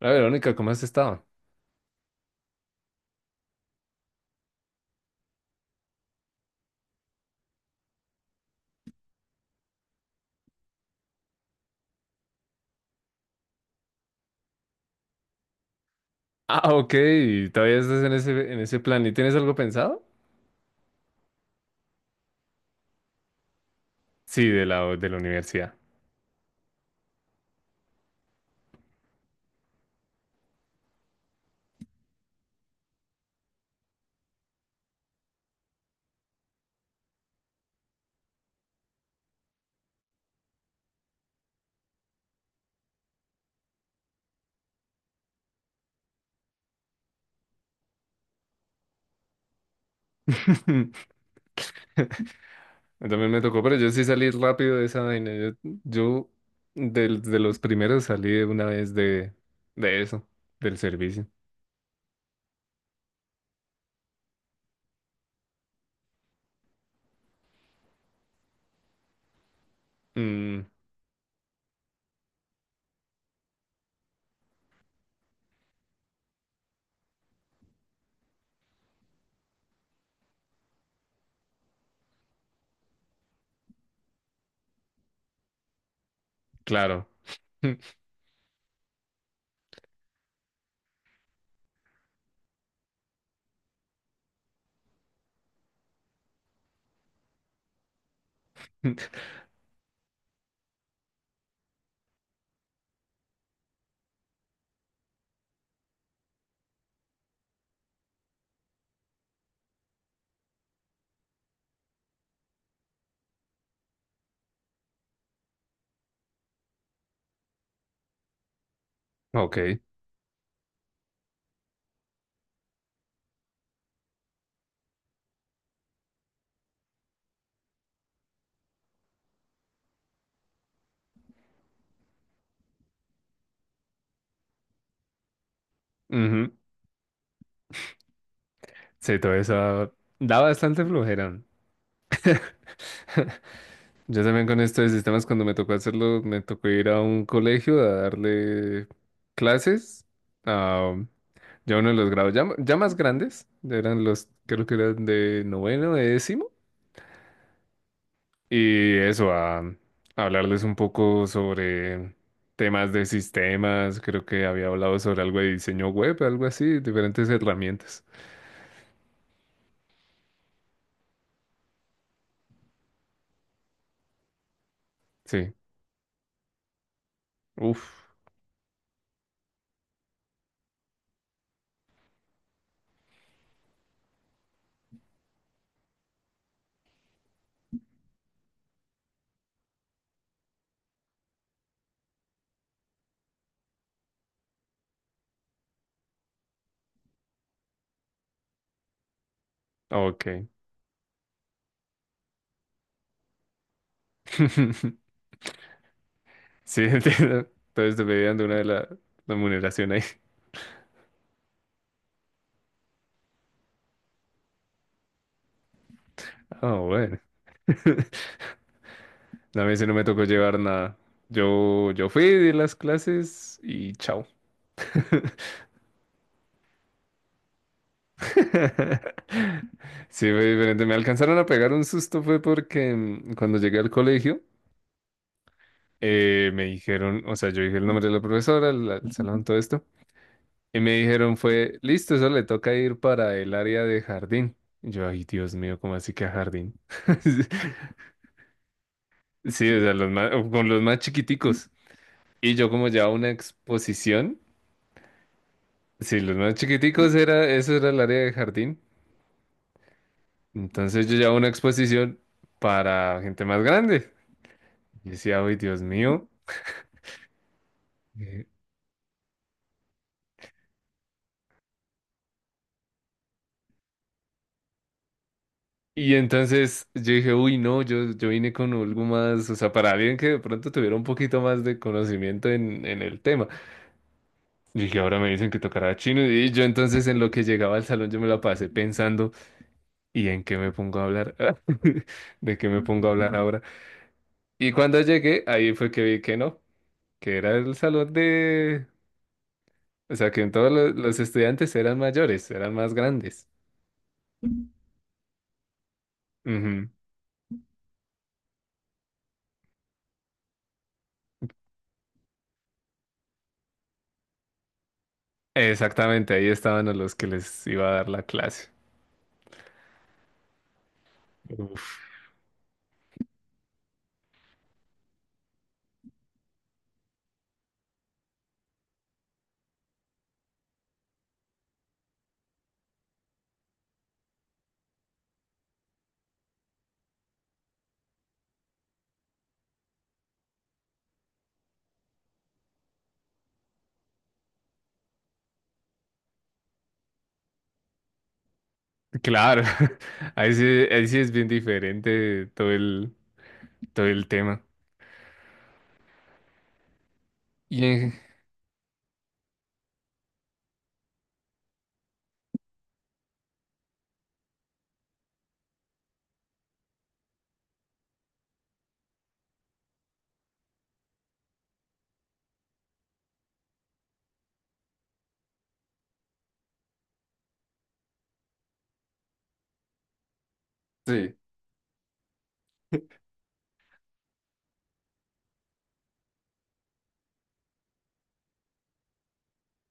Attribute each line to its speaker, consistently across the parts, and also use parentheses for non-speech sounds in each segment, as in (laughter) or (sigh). Speaker 1: La Verónica, ¿cómo has estado? Ah, ok, ¿y todavía estás en ese plan? ¿Y tienes algo pensado? Sí, de la universidad. (laughs) También me tocó, pero yo sí salí rápido de esa vaina. Yo los primeros salí de una vez de eso, del servicio. Mm, claro. (laughs) Ok. Ujú. Sí, toda esa da bastante flojera. (laughs) Yo también con esto de sistemas, cuando me tocó hacerlo, me tocó ir a un colegio a darle clases a ya uno de los grados ya, ya más grandes, eran los, creo que eran de noveno, de décimo, y eso, a hablarles un poco sobre temas de sistemas. Creo que había hablado sobre algo de diseño web, algo así, diferentes herramientas. Sí, uff, ok. (laughs) Sí, entiendo. Entonces te pedían de una de la remuneración ahí. Ah, bueno. (laughs) A mí sí no me tocó llevar nada. Yo fui, di las clases y chao. (laughs) Sí, fue diferente. Me alcanzaron a pegar un susto fue porque cuando llegué al colegio me dijeron, o sea, yo dije el nombre de la profesora, el salón, todo esto, y me dijeron fue, listo, eso le toca ir para el área de jardín. Y yo, ay, Dios mío, ¿cómo así que a jardín? (laughs) Sí, o sea, los más- con los más chiquiticos. Y yo como llevaba una exposición. Sí, los más chiquiticos era, eso era el área de jardín. Entonces yo llevaba una exposición para gente más grande. Y decía, uy, Dios mío. Eh, Y entonces yo dije, uy, no, yo vine con algo más, o sea, para alguien que de pronto tuviera un poquito más de conocimiento en el tema. Y dije, ahora me dicen que tocará chino. Y yo entonces en lo que llegaba al salón yo me la pasé pensando, ¿y en qué me pongo a hablar? (laughs) ¿De qué me pongo a hablar ahora? Y cuando llegué, ahí fue que vi que no, que era el salón de... O sea, que todos lo- los estudiantes eran mayores, eran más grandes. Ujú. Exactamente, ahí estaban a los que les iba a dar la clase. Uf, claro, (laughs) ahí sí, ahí sí es bien diferente todo el tema. Y en- sí.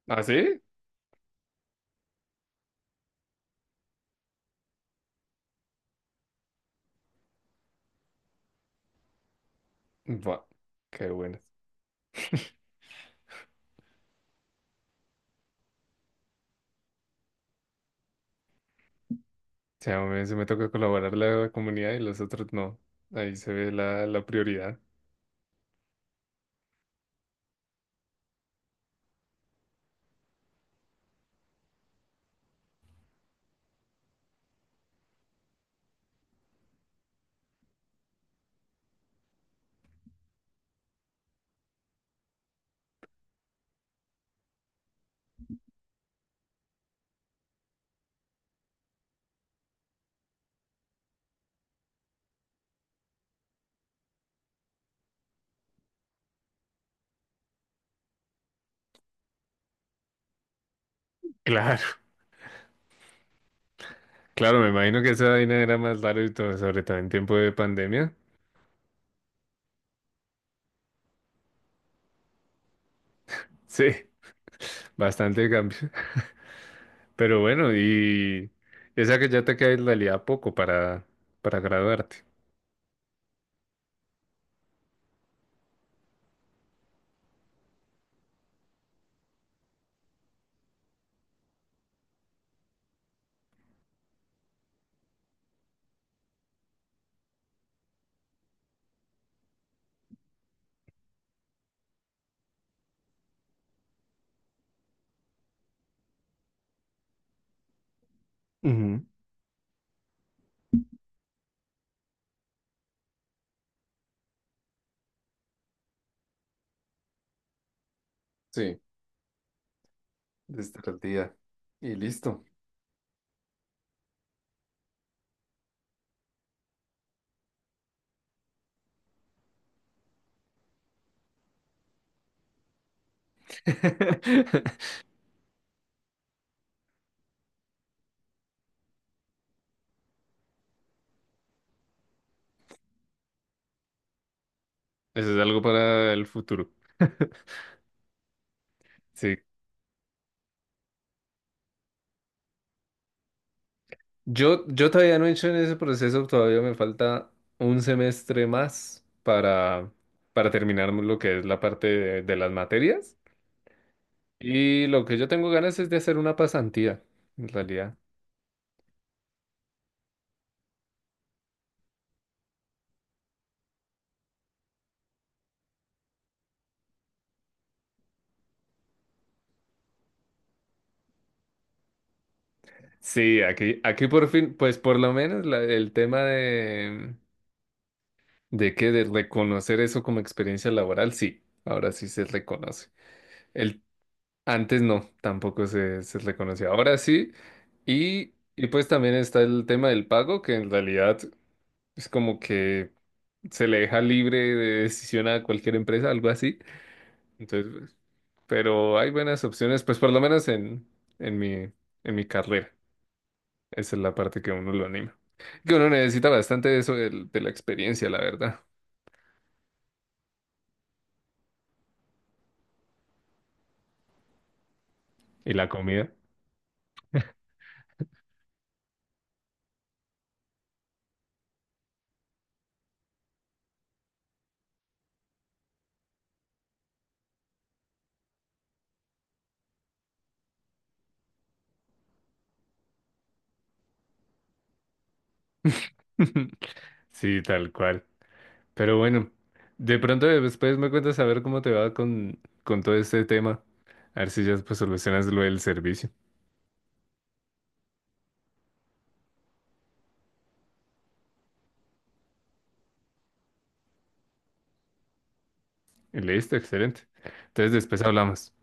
Speaker 1: ¿Ah, sí? Buah, qué bueno. O sea, a mí se me toca colaborar la comunidad y los otros no. Ahí se ve la, la prioridad. Claro, claro, me imagino que esa vaina era más larga y todo, sobre todo en tiempo de pandemia. Sí, bastante cambio. Pero bueno, y esa que ya te queda en realidad poco para graduarte. Ujú. Sí, estar al día. Y listo. (laughs) Eso es algo para el futuro. (laughs) Sí. Yo todavía no he hecho en ese proceso, todavía me falta un semestre más para terminar lo que es la parte de las materias. Y lo que yo tengo ganas es de hacer una pasantía, en realidad. Sí, aquí por fin, pues por lo menos la- el tema de que de reconocer eso como experiencia laboral, sí, ahora sí se reconoce. El, Antes no, tampoco se reconocía. Ahora sí, y pues también está el tema del pago, que en realidad es como que se le deja libre de decisión a cualquier empresa, algo así. Entonces, pues, pero hay buenas opciones, pues por lo menos en mi, en mi carrera. Esa es la parte que a uno lo anima. Que uno necesita bastante de eso del- de, la experiencia, la verdad. Y la comida. (laughs) Sí, tal cual. Pero bueno, de pronto después me cuentas a ver cómo te va con todo este tema. A ver si ya pues solucionas lo del servicio. Y listo, excelente. Entonces después hablamos.